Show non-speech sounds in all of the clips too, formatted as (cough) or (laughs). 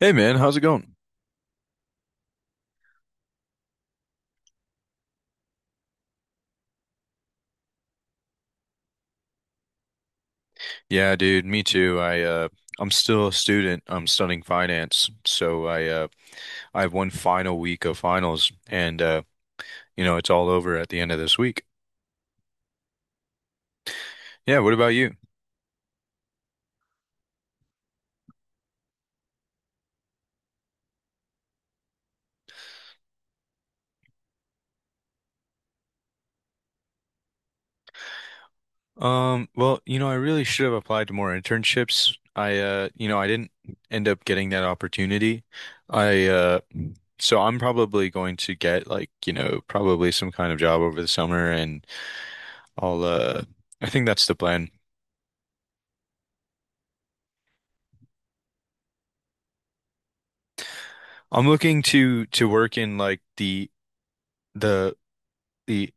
Hey man, how's it going? Yeah, dude, me too. I'm still a student. I'm studying finance. So I have one final week of finals and it's all over at the end of this week. Yeah, what about you? Well, I really should have applied to more internships. I didn't end up getting that opportunity. I so I'm probably going to get like, probably some kind of job over the summer and I'll uh I think that's the plan. I'm looking to work in like the the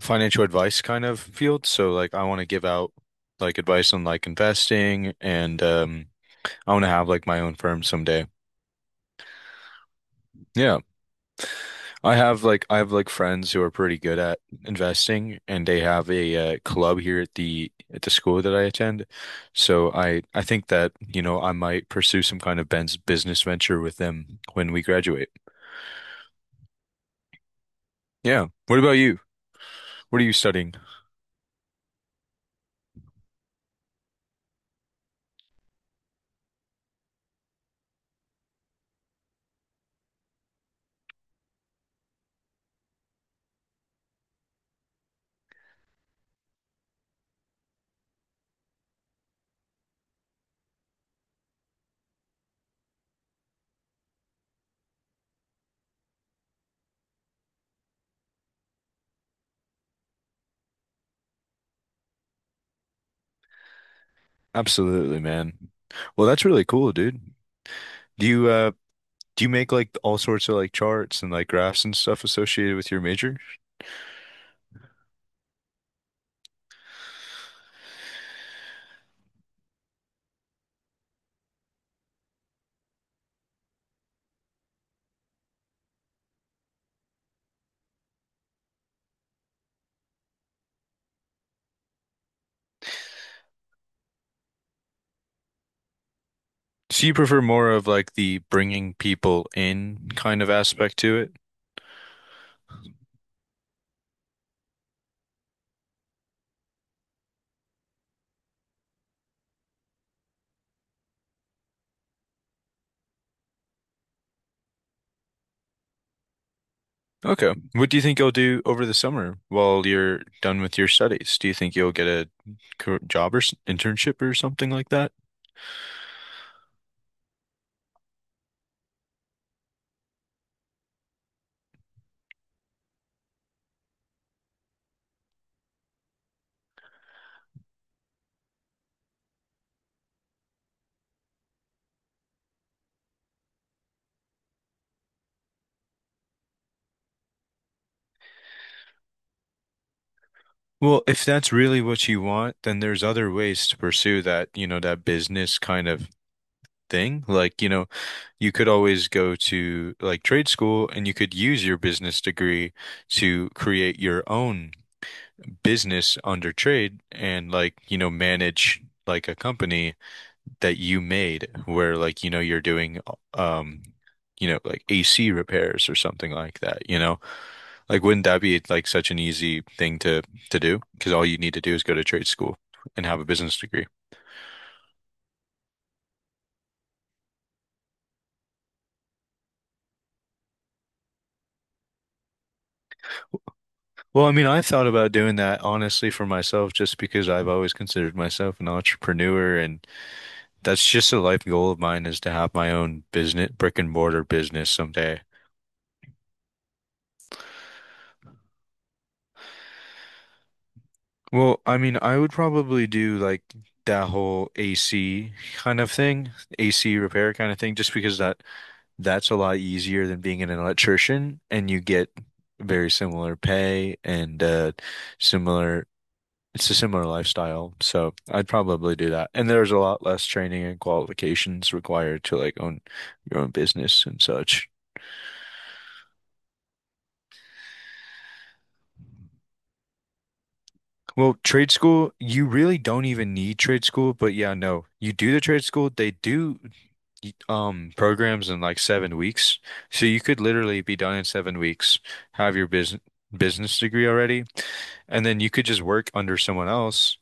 financial advice kind of field. So like I want to give out like advice on like investing and I want to have like my own firm someday. Yeah. I have like friends who are pretty good at investing, and they have a club here at the school that I attend. So I think that, I might pursue some kind of Ben's business venture with them when we graduate. Yeah. What about you? What are you studying? Absolutely, man. Well, that's really cool, dude. Do you uh do you make like all sorts of like charts and like graphs and stuff associated with your major? So you prefer more of like the bringing people in kind of aspect to it? Okay. What do you think you'll do over the summer while you're done with your studies? Do you think you'll get a job or internship or something like that? Well, if that's really what you want, then there's other ways to pursue that, that business kind of thing. Like, you could always go to like trade school, and you could use your business degree to create your own business under trade and like, manage like a company that you made where like you're doing um like AC repairs or something like that, you know? Like wouldn't that be like such an easy thing to do? Because all you need to do is go to trade school and have a business degree. Well, I mean, I thought about doing that honestly for myself just because I've always considered myself an entrepreneur, and that's just a life goal of mine is to have my own business, brick and mortar business someday. Well, I mean, I would probably do like that whole AC kind of thing, AC repair kind of thing, just because that's a lot easier than being an electrician, and you get very similar pay and similar it's a similar lifestyle. So I'd probably do that. And there's a lot less training and qualifications required to like own your own business and such. Well, trade school, you really don't even need trade school, but yeah, no. You do the trade school, they do programs in like 7 weeks. So you could literally be done in 7 weeks, have your business degree already, and then you could just work under someone else.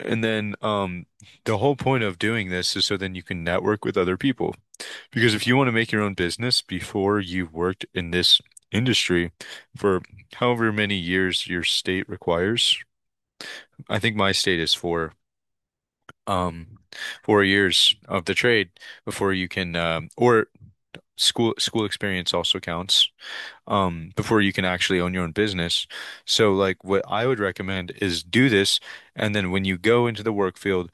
And then the whole point of doing this is so then you can network with other people. Because if you want to make your own business before you've worked in this industry for however many years your state requires, I think my state is um, 4 years of the trade before you can, or school experience also counts, before you can actually own your own business. So, like, what I would recommend is do this, and then when you go into the work field,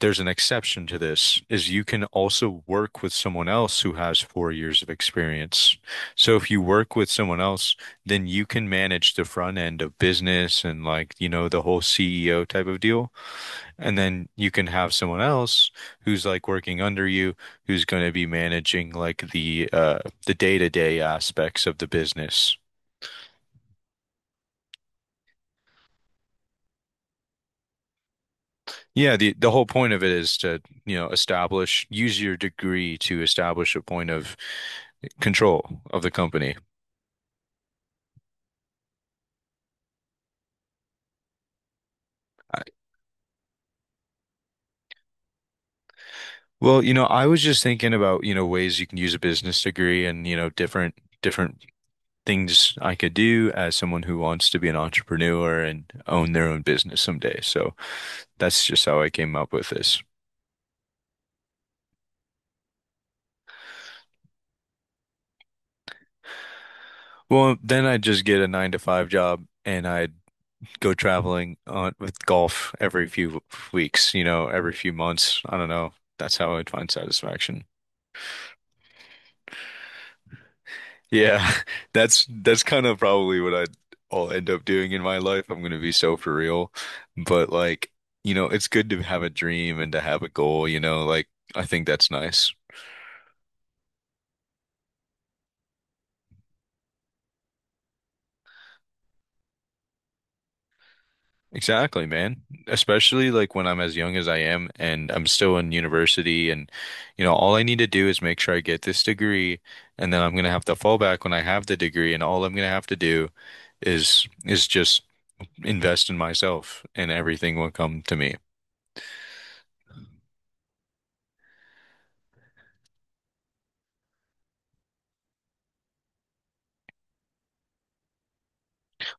there's an exception to this, is you can also work with someone else who has 4 years of experience. So, if you work with someone else, then you can manage the front end of business and like, the whole CEO type of deal. And then you can have someone else who's like working under you, who's going to be managing like the day-to-day aspects of the business. Yeah, the whole point of it is to, establish, use your degree to establish a point of control of the company. I- Well, I was just thinking about, ways you can use a business degree, and, different things I could do as someone who wants to be an entrepreneur and own their own business someday. So that's just how I came up with this. Well, then I'd just get a 9-to-5 job, and I'd go traveling on with golf every few weeks, every few months. I don't know. That's how I'd find satisfaction. Yeah, (laughs) that's kind of probably what I'd all end up doing in my life. I'm gonna be so for real. But like, it's good to have a dream and to have a goal, like I think that's nice. Exactly, man. Especially like when I'm as young as I am and I'm still in university, and all I need to do is make sure I get this degree, and then I'm going to have to fall back when I have the degree, and all I'm going to have to do is just invest in myself and everything will come to me.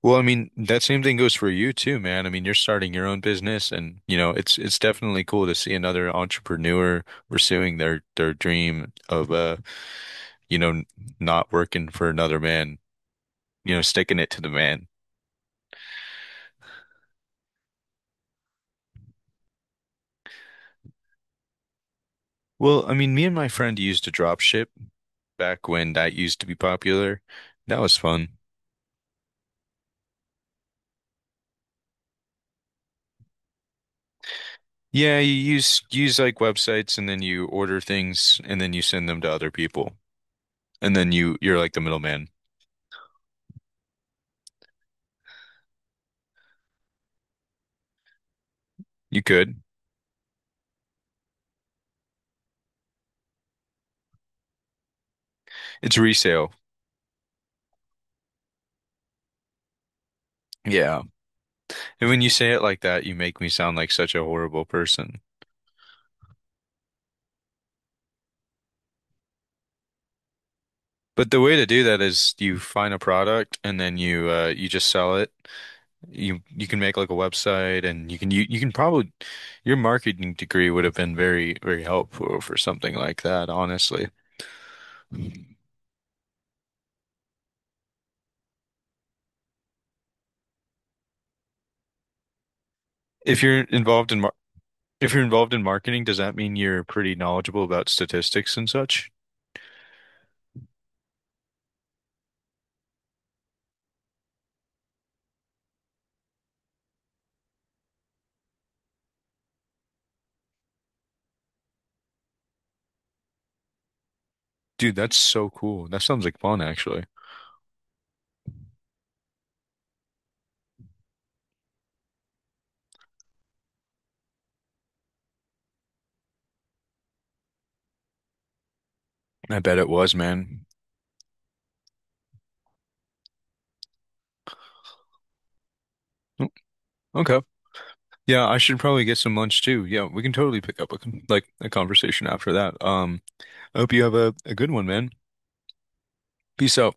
Well, I mean, that same thing goes for you too, man. I mean, you're starting your own business, and it's definitely cool to see another entrepreneur pursuing their dream of you know, not working for another man, sticking it to the man. Well, I mean, me and my friend used to drop ship back when that used to be popular. That was fun. Yeah, you use like websites, and then you order things and then you send them to other people. And then you're like the middleman. You could. It's resale. Yeah. And when you say it like that, you make me sound like such a horrible person. But the way to do that is you find a product, and then you just sell it. You can make like a website, and you can you, you can probably, your marketing degree would have been very very helpful for something like that, honestly. If you're involved in mar if you're involved in marketing, does that mean you're pretty knowledgeable about statistics and such? Dude, that's so cool. That sounds like fun, actually. I bet it was, man. Oh, okay. Yeah, I should probably get some lunch too. Yeah, we can totally pick up a conversation after that. I hope you have a good one, man. Peace out.